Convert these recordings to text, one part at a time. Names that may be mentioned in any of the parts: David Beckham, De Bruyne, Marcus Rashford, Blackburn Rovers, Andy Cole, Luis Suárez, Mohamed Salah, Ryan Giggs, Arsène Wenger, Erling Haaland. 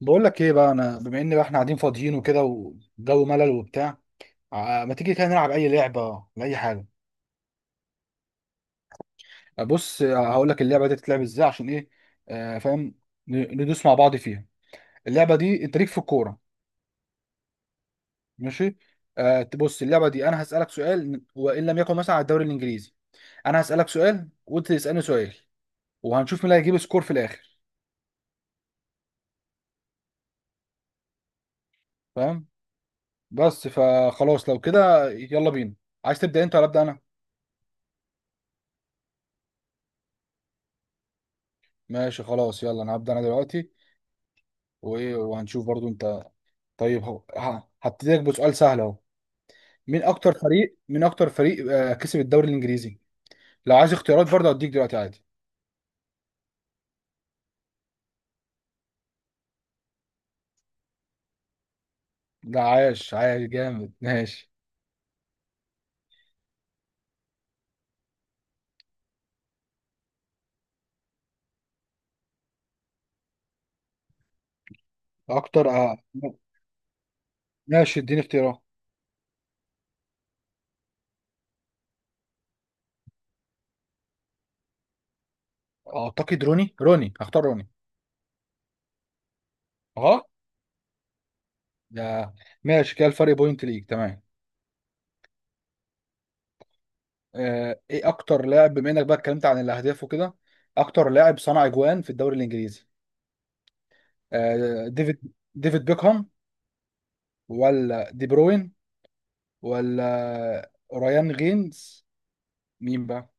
بقول لك ايه بقى انا بما ان بقى احنا قاعدين فاضيين وكده والجو ملل وبتاع. ما تيجي كده نلعب اي لعبه لاي حاجه. آه، بص آه، هقول لك اللعبه دي تتلعب ازاي عشان ايه. آه فاهم. ندوس مع بعض فيها. اللعبه دي انت ليك في الكوره. ماشي. آه بص اللعبه دي انا هسالك سؤال وان لم يكن مثلا على الدوري الانجليزي. انا هسالك سؤال وانت تسالني سؤال. وهنشوف مين اللي هيجيب سكور في الاخر. فاهم. بس فخلاص لو كده يلا بينا. عايز تبدا انت ولا ابدا انا؟ ماشي خلاص يلا انا هبدا انا دلوقتي. وايه وهنشوف برضو انت. طيب هو هبتديك بسؤال سهل اهو. مين اكتر فريق كسب الدوري الانجليزي؟ لو عايز اختيارات برضه هديك دلوقتي عادي. لا عايش جامد ماشي. اكتر ماشي اديني اختيارات. اعتقد روني هختار روني. اه ده ماشي كده الفرق بوينت ليك تمام. ايه اكتر لاعب بما انك بقى اتكلمت عن الاهداف وكده؟ اكتر لاعب صنع اجوان في الدوري الانجليزي؟ ديفيد بيكهام، ولا دي بروين، ولا ريان غينز؟ مين بقى؟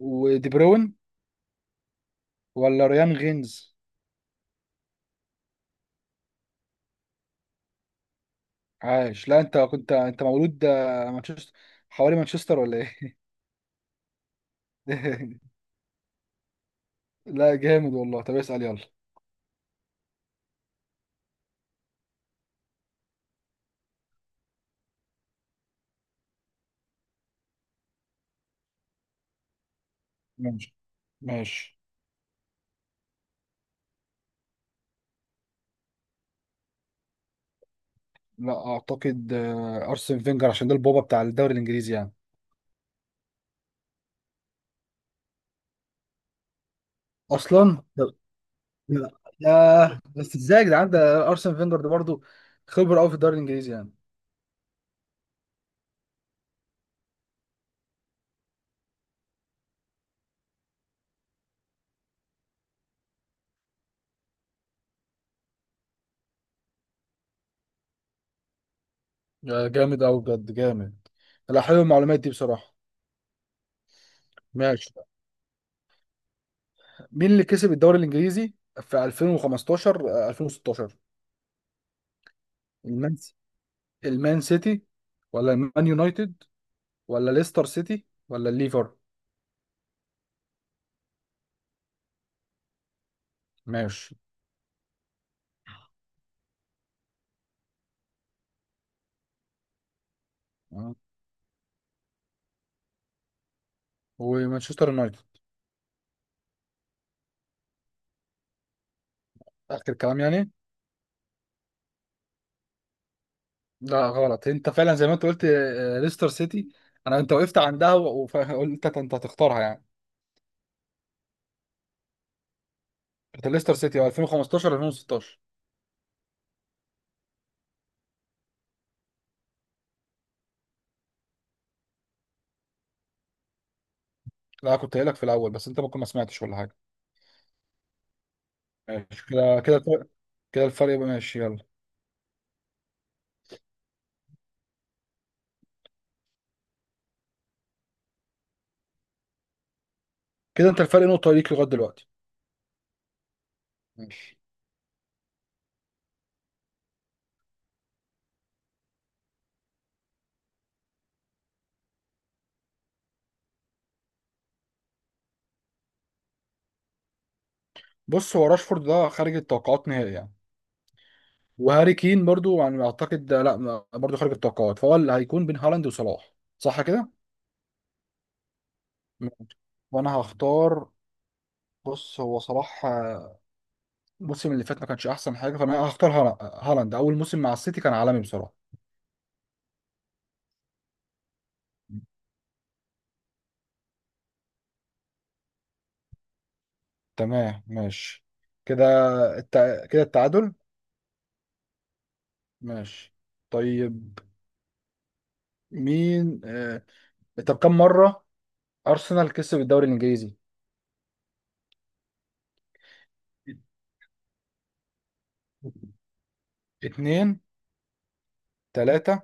ودي بروين ولا ريان غينز؟ عاش. لا انت كنت انت مولود مانشستر، حوالي مانشستر ولا ايه؟ لا جامد والله. طب اسأل يلا. ماشي. ماشي. لا اعتقد ارسن فينجر، عشان ده البابا بتاع الدوري الانجليزي يعني. اصلا لا، يا بس ازاي يا جدعان، ده ارسن فينجر ده برضه خبره قوي في الدوري الانجليزي يعني. يا جامد قوي بجد جامد. لا حلو المعلومات دي بصراحه. ماشي. مين اللي كسب الدوري الانجليزي في 2015 2016؟ المان، المان سيتي، ولا المان يونايتد، ولا ليستر سيتي، ولا الليفر؟ ماشي. آه. ومانشستر يونايتد. اخر كلام يعني. لا غلط، انت فعلا زي ما انت قلت، ليستر سيتي. انا انت وقفت عندها وقلت انت هتختارها يعني. كانت ليستر سيتي 2015 2016. لا كنت قايلك في الاول بس انت ممكن ما سمعتش ولا حاجه. ماشي كده. كده الفرق يبقى ماشي يلا. كده انت الفرق نقطه ليك لغايه دلوقتي. ماشي. بص هو راشفورد ده خارج التوقعات نهائي يعني. وهاري كين برضو يعني اعتقد ده لا ما- برضو خارج التوقعات، فهو اللي هيكون بين هالاند وصلاح، صح كده؟ ماشي. وانا هختار. بص هو صلاح الموسم اللي فات ما كانش احسن حاجه، فانا هختار هالاند، اول موسم مع السيتي كان عالمي بصراحه. تمام ماشي. كده التعادل. ماشي. طيب. مين طب كم مره ارسنال كسب الدوري الانجليزي؟ اتنين، تلاتة،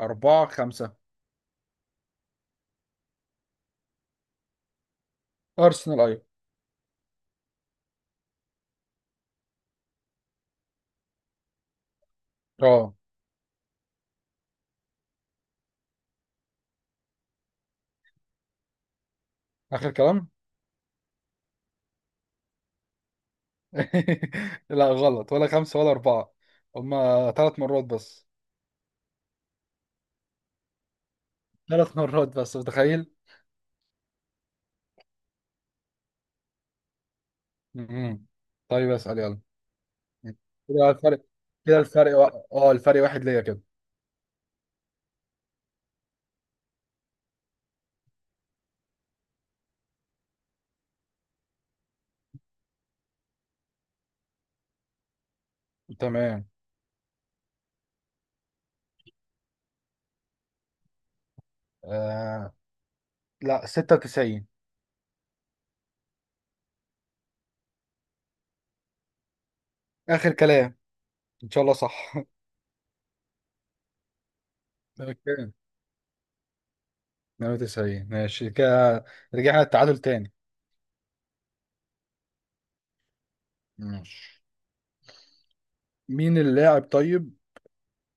أربعة، خمسة؟ ارسنال، ايوه. اه، اخر كلام. لا غلط، ولا خمسه ولا اربعه، هما ثلاث مرات بس. ثلاث مرات بس، متخيل؟ مم. طيب اسال يلا. كده الفرق، كده الفرق و... اه الفرق واحد ليا كده. تمام. آه... لا 96. اخر كلام. ان شاء الله صح. اوكي. 98 ماشي كده، رجعنا التعادل تاني. ماشي. مين اللاعب طيب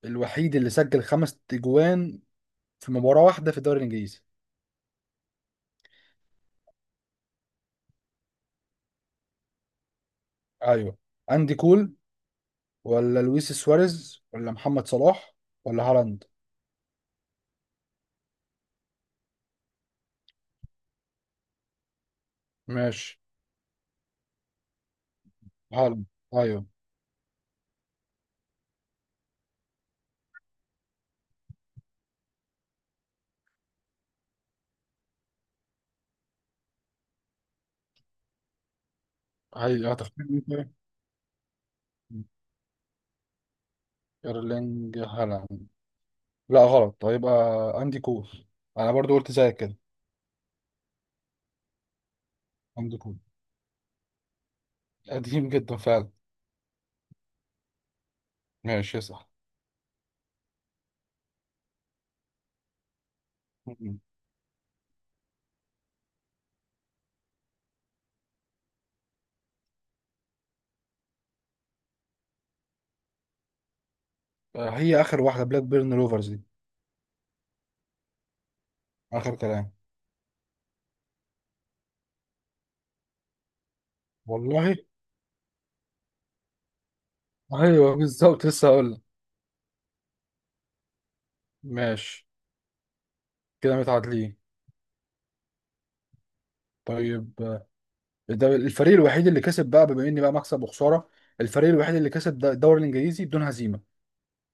الوحيد اللي سجل خمس اجوان في مباراة واحدة في الدوري الانجليزي؟ ايوه. اندي كول، ولا لويس سواريز، ولا محمد صلاح، ولا هالاند؟ ماشي. هالاند؟ ايوه. هي هتختار مين طيب؟ ايرلينج هالاند. لا غلط، هيبقى اندي كول. انا برضو قلت زيك كده. اندي كول قديم جدا فعلا. ماشي صح. هي اخر واحده بلاك بيرن روفرز دي. اخر كلام. والله. ايوه بالظبط، لسه هقول لك. ماشي. كده متعادلين. طيب ده الفريق الوحيد اللي كسب بقى، بما اني بقى مكسب وخساره، الفريق الوحيد اللي كسب الدوري الانجليزي بدون هزيمه.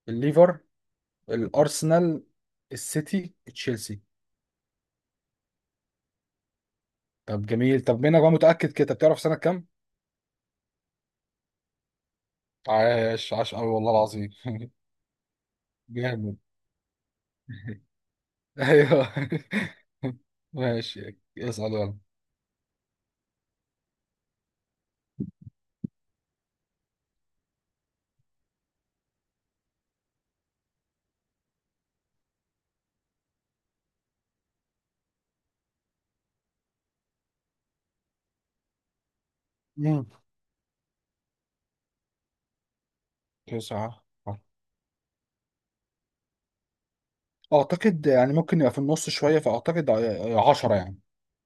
الليفر، الارسنال، السيتي، تشيلسي؟ طب جميل. طب منك بقى متاكد كده؟ طب تعرف سنه كام؟ عاش عاش قوي والله العظيم. جامد. ايوه. ماشي اسأل يلا. مم. تسعة اعتقد يعني، ممكن يبقى في النص شويه، فاعتقد عشرة يعني.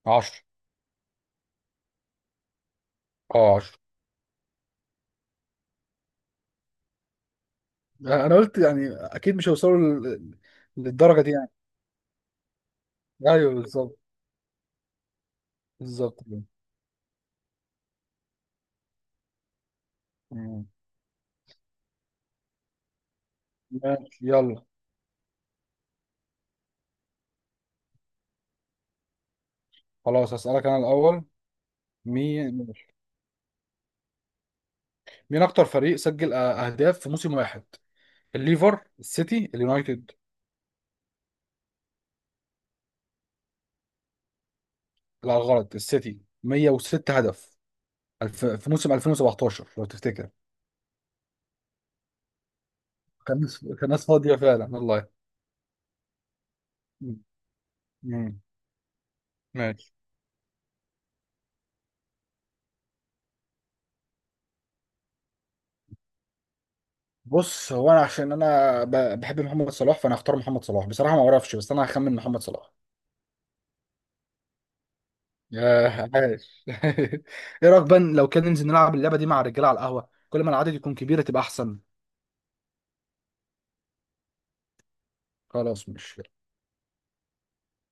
عشرة. اه عشرة. انا قلت يعني اكيد مش هيوصلوا للدرجه دي. ايوه بالظبط. بالظبط كده. مم. ماشي يلا. خلاص هسألك انا الاول. مين، مين اكتر فريق سجل اهداف في موسم واحد؟ الليفر، السيتي، اليونايتد؟ لا غلط، السيتي 106 هدف. في موسم 2017 لو تفتكر. كان ناس، كان ناس فاضية فعلا والله. مم. مم. ماشي. بص هو انا عشان بحب محمد صلاح، فانا هختار محمد صلاح. بصراحة ما اعرفش، بس انا هخمن محمد صلاح. ياه عاش. ايه رايك بقى لو كان ننزل نلعب اللعبه دي مع الرجاله على القهوه؟ كل ما العدد يكون كبير تبقى احسن. خلاص مش